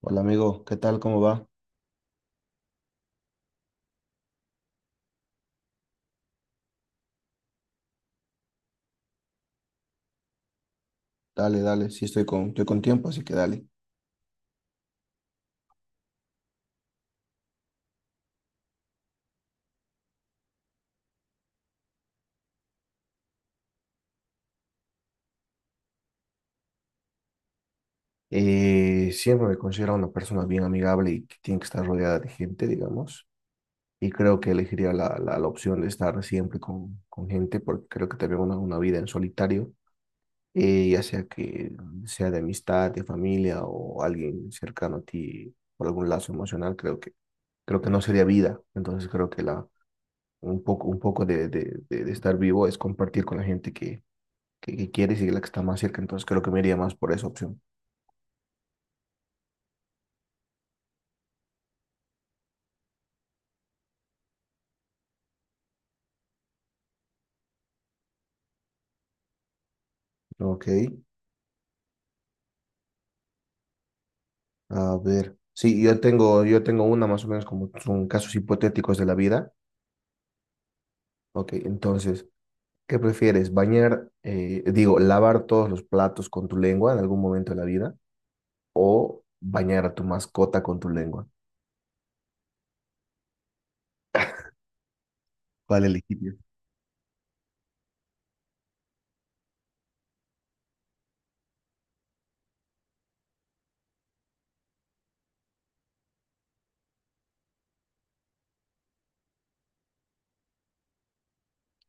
Hola amigo, ¿qué tal? ¿Cómo va? Dale, dale, sí estoy con tiempo, así que dale. Siempre me considero una persona bien amigable y que tiene que estar rodeada de gente, digamos, y creo que elegiría la opción de estar siempre con gente, porque creo que también una vida en solitario, ya sea que sea de amistad, de familia o alguien cercano a ti por algún lazo emocional, creo que no sería vida, entonces creo que un poco de estar vivo es compartir con la gente que quieres y la que está más cerca, entonces creo que me iría más por esa opción. Ok, a ver. Sí, yo tengo una más o menos como son casos hipotéticos de la vida. Ok, entonces, ¿qué prefieres? ¿Bañar, digo, lavar todos los platos con tu lengua en algún momento de la vida o bañar a tu mascota con tu lengua? ¿Cuál elegirías?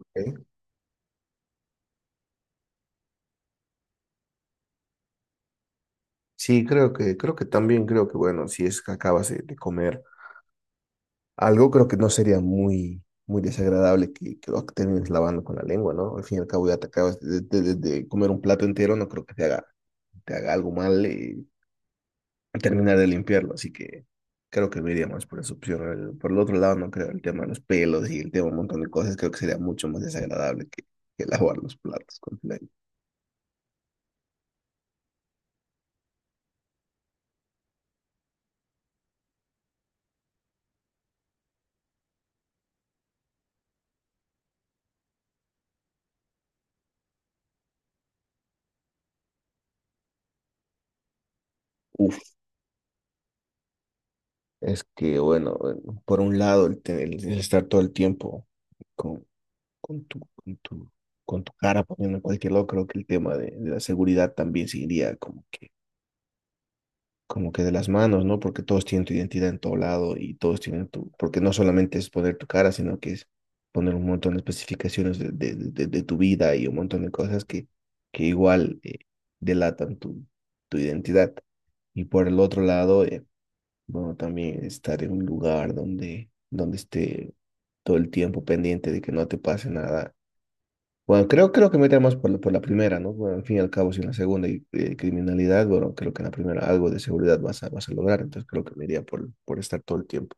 Ok. Sí, creo que bueno, si es que acabas de comer. Algo creo que no sería muy desagradable que lo termines lavando con la lengua, ¿no? Al fin y al cabo ya te acabas de comer un plato entero, no creo que te haga algo mal y terminar de limpiarlo, así que creo que me iría más por esa opción. Por el otro lado, no creo el tema de los pelos y el tema de un montón de cosas, creo que sería mucho más desagradable que lavar los platos con la lengua. Uf, es que bueno, por un lado el estar todo el tiempo con, Con tu, con tu, con tu cara poniendo en cualquier lado, creo que el tema de la seguridad también se iría como que de las manos, ¿no? Porque todos tienen tu identidad en todo lado y todos tienen tu, porque no solamente es poner tu cara, sino que es poner un montón de especificaciones de tu vida y un montón de cosas que igual delatan tu, tu identidad. Y por el otro lado, bueno, también estar en un lugar donde, donde esté todo el tiempo pendiente de que no te pase nada. Bueno, creo que metemos por, por la primera, ¿no? Bueno, al fin y al cabo, si en la segunda hay criminalidad, bueno, creo que en la primera algo de seguridad vas a lograr, entonces creo que me iría por estar todo el tiempo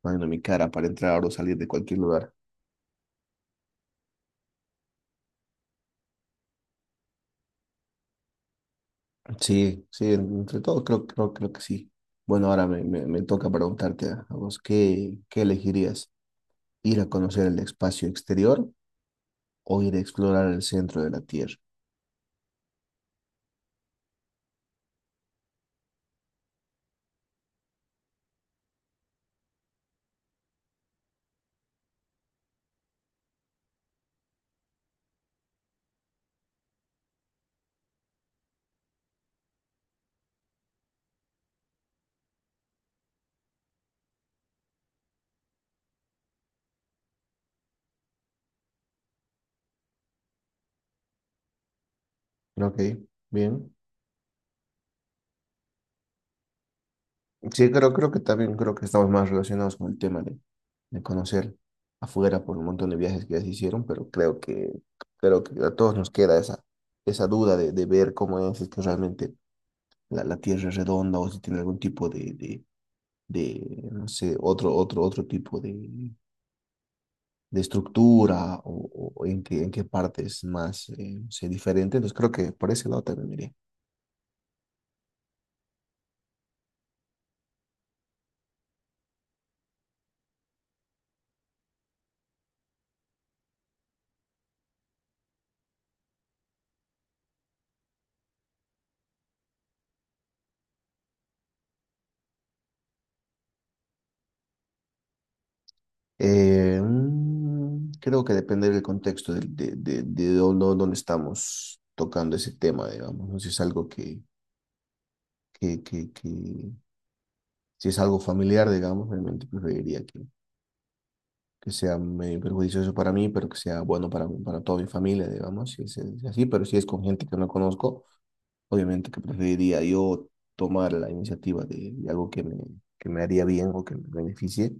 poniendo mi cara para entrar o salir de cualquier lugar. Sí, sí, entre todo creo que sí. Bueno, me toca preguntarte a vos, ¿qué, qué elegirías? ¿Ir a conocer el espacio exterior o ir a explorar el centro de la Tierra? Ok, bien. Sí, creo que también creo que estamos más relacionados con el tema de conocer afuera por un montón de viajes que ya se hicieron, pero creo que a todos nos queda esa duda de ver cómo es, si es que realmente la Tierra es redonda o si tiene algún tipo no sé, otro tipo de estructura o en qué parte es más no sé, diferente. Entonces creo que por ese lado también miré. Creo que depende del contexto de dónde, dónde estamos tocando ese tema, digamos, ¿no? Si es algo que si es algo familiar, digamos, realmente preferiría que sea medio perjudicioso para mí, pero que sea bueno para toda mi familia, digamos, si es así, pero si es con gente que no conozco, obviamente que preferiría yo tomar la iniciativa de algo que me haría bien o que me beneficie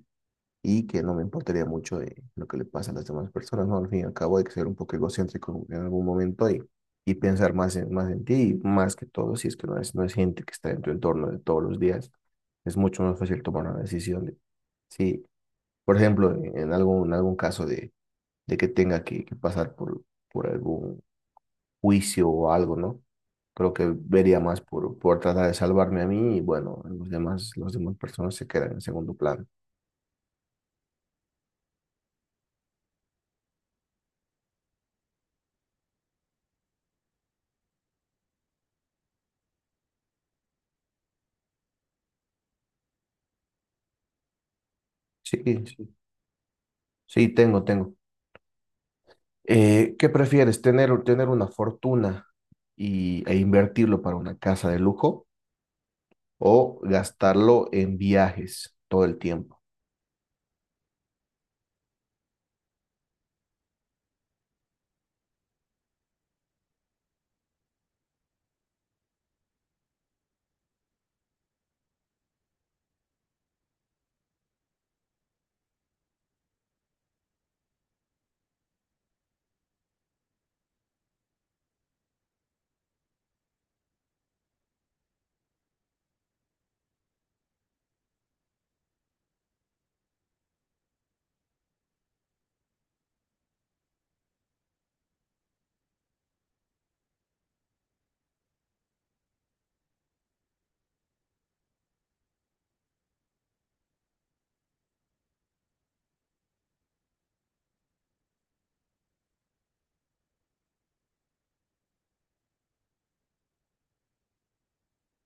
y que no me importaría mucho de lo que le pasa a las demás personas, ¿no? Al fin y al cabo hay que ser un poco egocéntrico en algún momento y pensar más en, más en ti y más que todo, si es que no es, no es gente que está en tu entorno de todos los días, es mucho más fácil tomar una decisión. De, sí, por ejemplo, en, en algún caso de que tenga que pasar por algún juicio o algo, ¿no? Creo que vería más por tratar de salvarme a mí y bueno, los demás, las demás personas se quedan en segundo plano. Sí, sí, sí, tengo, tengo. ¿Qué prefieres? Tener una fortuna e invertirlo para una casa de lujo o gastarlo en viajes todo el tiempo?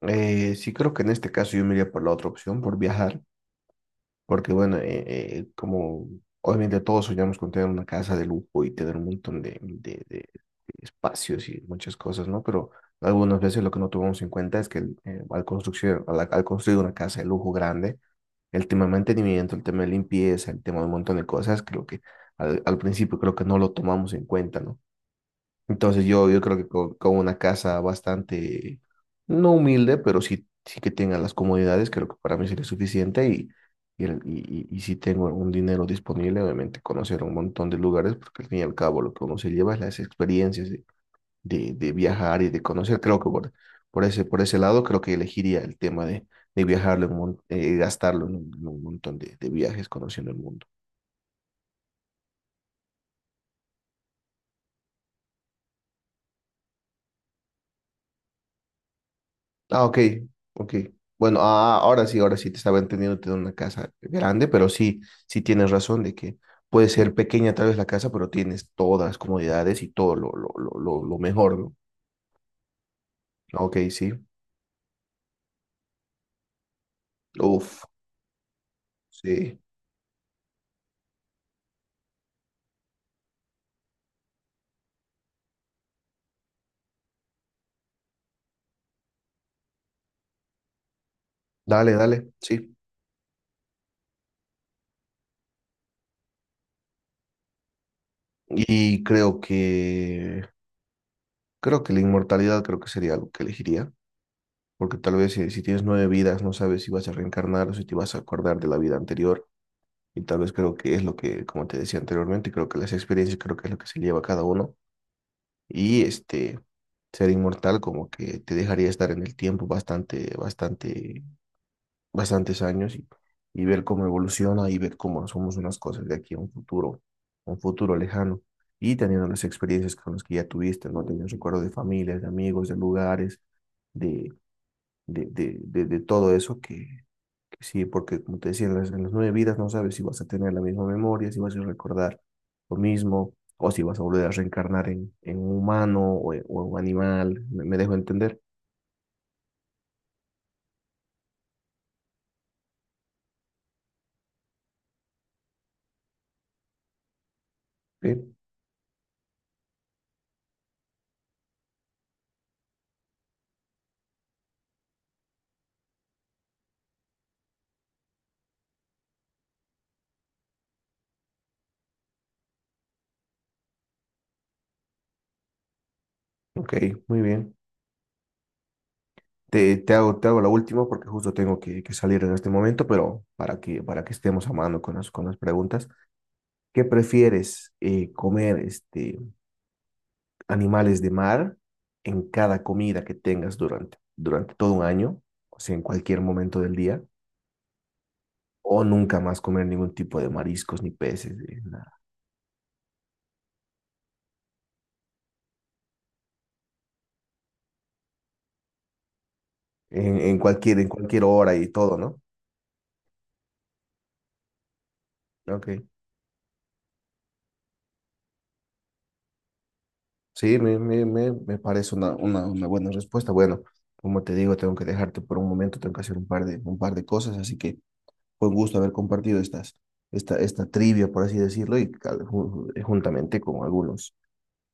Sí creo que en este caso yo me iría por la otra opción, por viajar, porque bueno, como obviamente todos soñamos con tener una casa de lujo y tener un montón de espacios y muchas cosas, ¿no? Pero algunas veces lo que no tomamos en cuenta es que al construcción, al construir una casa de lujo grande, el tema de mantenimiento, el tema de limpieza, el tema de un montón de cosas, creo que al principio creo que no lo tomamos en cuenta, ¿no? Entonces yo creo que con una casa bastante, no humilde, pero sí que tenga las comodidades, creo que para mí sería suficiente y, y si tengo un dinero disponible, obviamente conocer un montón de lugares, porque al fin y al cabo lo que uno se lleva es las experiencias de viajar y de conocer. Creo que por, por ese lado, creo que elegiría el tema de viajarlo, gastarlo en un montón de viajes conociendo el mundo. Ah, ok, ok. Bueno, ah, ahora sí te estaba entendiendo tener una casa grande, pero sí, sí tienes razón de que puede ser pequeña tal vez la casa, pero tienes todas las comodidades y todo lo mejor, ¿no? Ah, ok, sí. Uf, sí. Dale, dale, sí. Y creo que la inmortalidad creo que sería algo que elegiría. Porque tal vez si, si tienes 9 vidas, no sabes si vas a reencarnar o si te vas a acordar de la vida anterior. Y tal vez creo que es lo que, como te decía anteriormente, creo que las experiencias creo que es lo que se lleva cada uno. Y este, ser inmortal como que te dejaría estar en el tiempo bastantes años y ver cómo evoluciona y ver cómo somos unas cosas de aquí a un futuro lejano. Y teniendo las experiencias con las que ya tuviste, ¿no? Teniendo recuerdos de familias, de amigos, de lugares, de, de todo eso que, pues sí, porque como te decía, en las 9 vidas no sabes si vas a tener la misma memoria, si vas a recordar lo mismo, o si vas a volver a reencarnar en un humano o en un animal. Me dejo entender? Sí, ok, muy bien. Te hago la última porque justo tengo que salir en este momento, pero para que estemos a mano con las preguntas. ¿Qué prefieres comer este, animales de mar en cada comida que tengas durante, durante todo 1 año? O sea, en cualquier momento del día o nunca más comer ningún tipo de mariscos ni peces, nada. En cualquier hora y todo, ¿no? Ok. Sí, me parece una buena respuesta. Bueno, como te digo, tengo que dejarte por un momento, tengo que hacer un par de cosas, así que fue un gusto haber compartido esta trivia, por así decirlo, y juntamente con algunos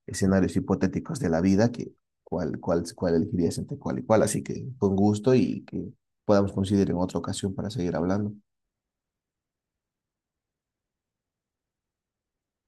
escenarios hipotéticos de la vida, que cuál elegirías entre cuál y cuál. Así que fue un gusto y que podamos coincidir en otra ocasión para seguir hablando.